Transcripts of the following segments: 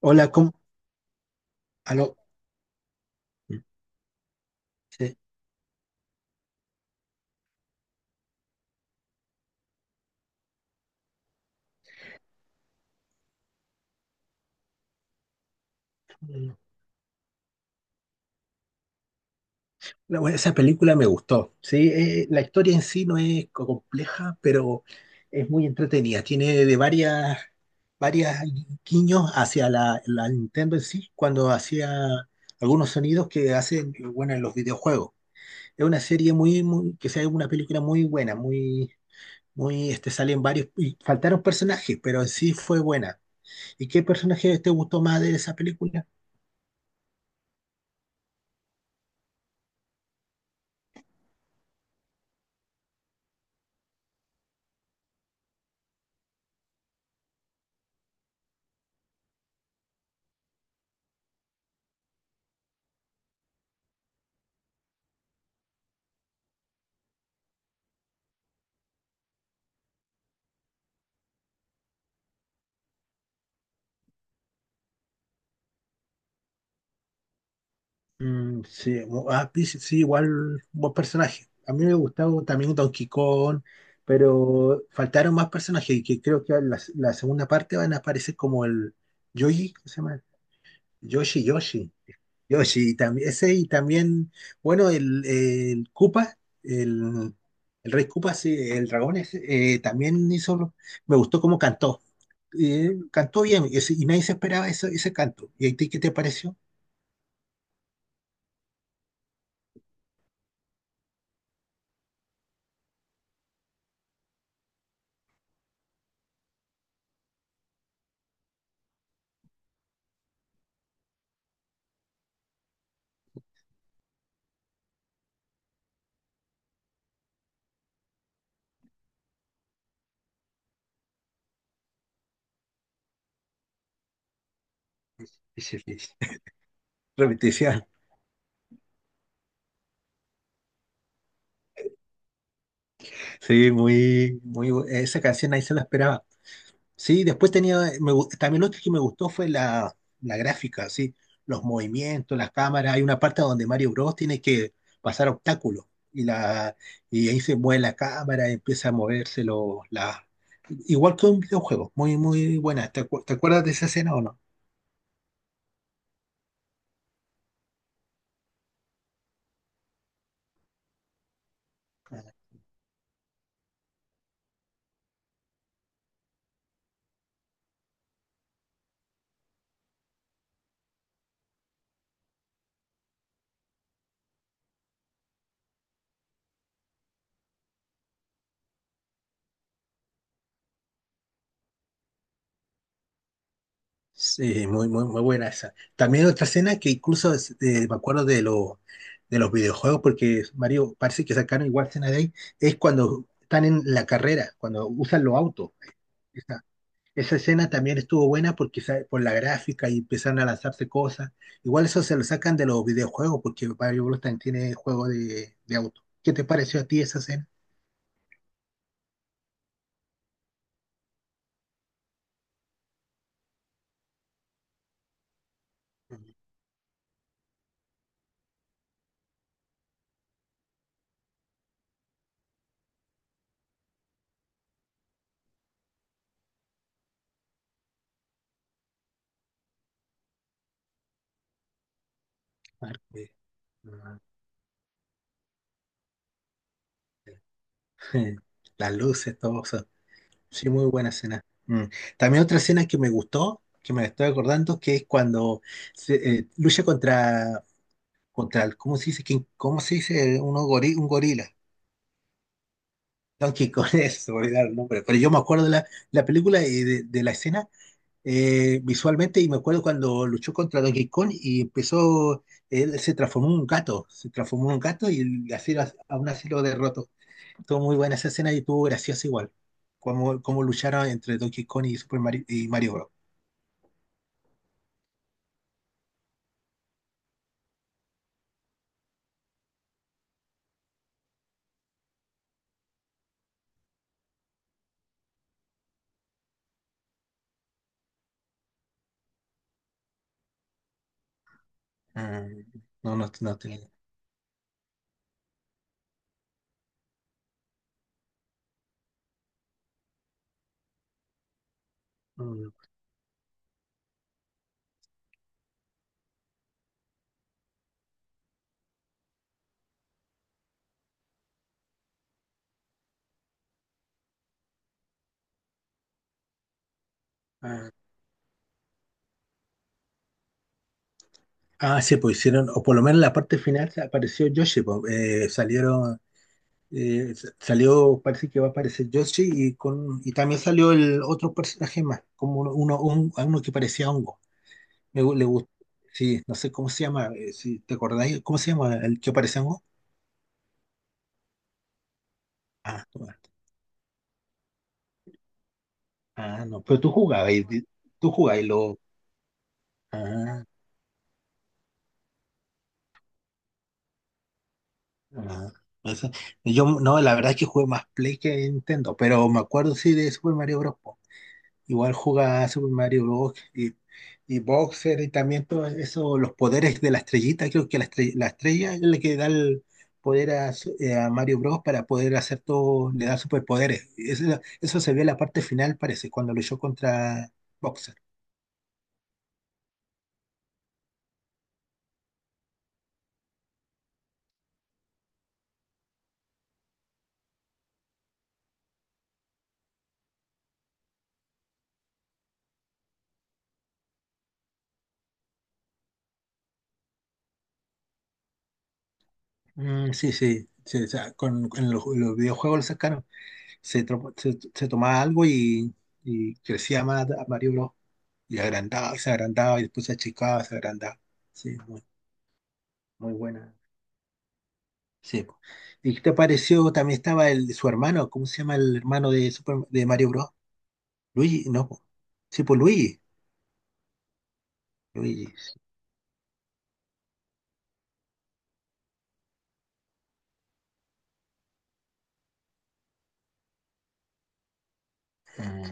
Hola, ¿cómo? Aló. Sí. Bueno, esa película me gustó. Sí. La historia en sí no es compleja, pero es muy entretenida. Tiene de varias guiños hacia la Nintendo en sí, cuando hacía algunos sonidos que hacen, bueno, en los videojuegos. Es una serie que sea una película muy buena, muy, salen varios, y faltaron personajes, pero en sí fue buena. ¿Y qué personaje te gustó más de esa película? Sí, Peach, sí, sí, igual un buen personaje. A mí me gustaba también Donkey Kong, pero faltaron más personajes y que creo que la segunda parte van a aparecer como el Yoshi, ¿cómo se llama? Yoshi, Yoshi, y también, ese y también, bueno, el Koopa, el, el Rey Koopa, sí, el dragón ese, también hizo, me gustó cómo cantó. Cantó bien y, y nadie se esperaba ese canto. ¿Y a ti qué te pareció? Ese- ese- Repetición. Sí, esa canción ahí se la esperaba. Sí, después tenía, también lo otro que me gustó fue la gráfica, sí, los movimientos, las cámaras. Hay una parte donde Mario Bros tiene que pasar obstáculos y, la, y ahí se mueve la cámara, empieza a moverse igual que un videojuego. Muy buena. ¿Te, te acuerdas de esa escena o no? Sí, muy buena esa. También otra escena que incluso me acuerdo de, lo, de los videojuegos, porque Mario parece que sacaron igual escena de ahí, es cuando están en la carrera, cuando usan los autos. Esa, esa escena también estuvo buena porque por la gráfica y empezaron a lanzarse cosas. Igual eso se lo sacan de los videojuegos porque Mario Bros. También tiene juego de auto. ¿Qué te pareció a ti esa escena? Mm, claro mm, Las luces, todo. Sí, muy buena escena. Mm. También otra escena que me gustó, que me la estoy acordando, que es cuando se, lucha contra, ¿cómo se dice? ¿Cómo se dice? Uno un gorila. Donkey Kong, eso, se me olvidaba el nombre. Pero yo me acuerdo de la película y de la escena visualmente y me acuerdo cuando luchó contra Donkey Kong y empezó, él se transformó en un gato, se transformó en un gato y así, aún así lo derrotó. Estuvo muy buena esa escena y estuvo graciosa igual. Cómo lucharon entre Donkey Kong y Super Mario, y Mario Bros. Mm, no, no, no tenía. Mm, ah, ah, sí, pues hicieron, o por lo menos en la parte final se apareció Yoshi, pues, salieron, salió, parece que va a aparecer Yoshi y con y también salió el otro personaje más, como uno, uno, un- a uno que parecía hongo. Le gustó, sí, no sé cómo se llama, si te acordáis, ¿cómo se llama el que parecía hongo? Ah. Ah, no, pero tú jugabas, tú jugabas y lo... Ah, ah, eso- Yo, no, la verdad es que jugué más Play que Nintendo, pero me acuerdo sí de Super Mario Bros. Po. Igual jugaba Super Mario Bros. Y Boxer y también todo eso, los poderes de la estrellita, creo que la estrella es la que da el poder a, a Mario Bros. Para poder hacer todo, le da superpoderes. Eso se ve en la parte final, parece, cuando luchó contra Boxer. Mm, sí, sí, sí, o sea, con los videojuegos lo sacaron. Se, se tomaba algo y crecía más Mario Bros. Y agrandaba, se agrandaba y después se achicaba, se agrandaba. Sí, muy buena. Sí. ¿Y qué te pareció? También estaba el, su hermano, ¿cómo se llama el hermano de, Super, de Mario Bros? Luigi, no. Po. Sí, pues Luigi. Luigi. Mm.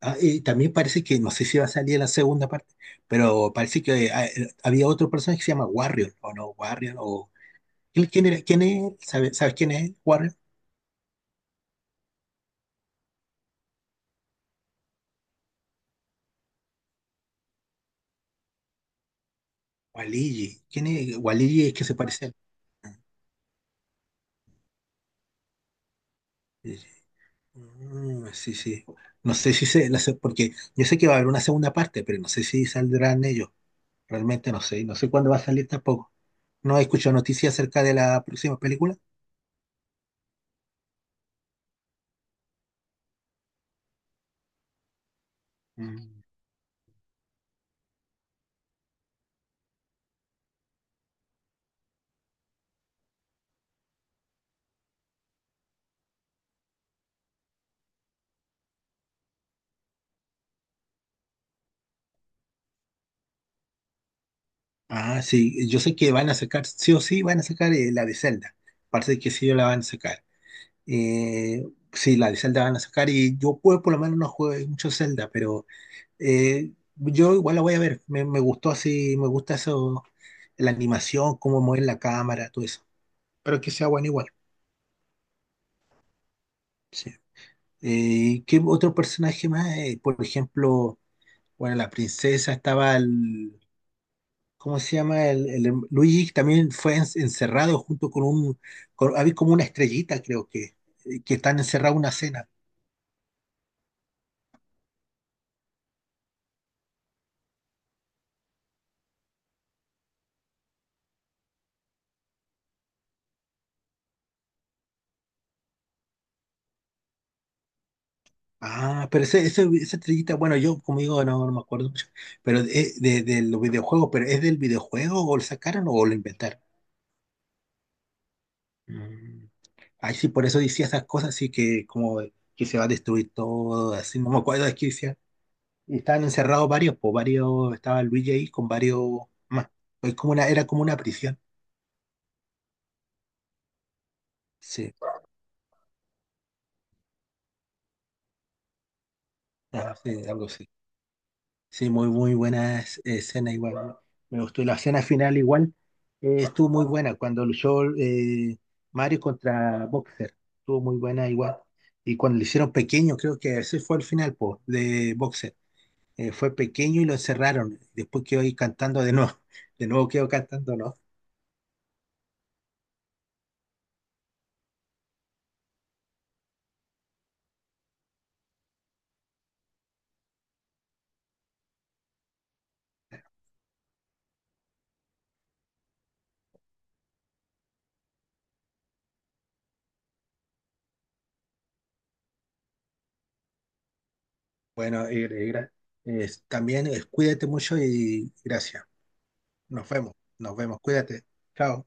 Ah, y también parece que, no sé si va a salir la segunda parte, pero parece que había otro personaje que se llama Warrior, o no, Warrior, o... ¿Quién quién era? ¿Quién es él? ¿Sabes quién es él? Waligi. ¿Quién es? Waligi es que se parece a... Mm, sí, sí. No sé si se... Porque yo sé que va a haber una segunda parte, pero no sé si saldrán ellos. Realmente no sé. Y no sé cuándo va a salir tampoco. No he escuchado noticias acerca de la próxima película. Mm. Ah, sí. Yo sé que van a sacar, sí o sí, van a sacar la de Zelda. Parece que sí la van a sacar. Eh, sí, la de Zelda van a sacar. Y yo puedo, por lo menos no juego mucho Zelda, pero... yo igual la voy a ver. Me gustó así, me gusta eso, la animación, cómo mueven la cámara, todo eso. Pero que sea bueno igual. Sí. ¿Qué otro personaje más? Por ejemplo, bueno, la princesa estaba el, ¿cómo se llama? Luigi también fue encerrado junto con un, había como una estrellita, creo que están encerrados en una cena. Ah, pero esa estrellita, bueno, yo como digo, no, no me acuerdo mucho, pero es de los videojuegos, pero ¿es del videojuego o lo sacaron o lo inventaron? Mm. Ay, sí, por eso decía esas cosas así que como que se va a destruir todo, así, no me acuerdo de qué decía. Y estaban encerrados varios, pues varios, estaba Luigi ahí con varios más. Es como una, era como una prisión. Sí. Ah, sí, algo así. Sí, muy, muy buena escena igual, ¿no? Me gustó. Y la escena final igual estuvo muy buena cuando luchó Mario contra Boxer. Estuvo muy buena igual. Y cuando le hicieron pequeño, creo que ese fue el final po, de Boxer. Fue pequeño y lo encerraron. Después quedó ahí cantando de nuevo. De nuevo quedó cantando, ¿no? Bueno, también cuídate mucho y gracias. Nos vemos. Nos vemos. Cuídate. Chao.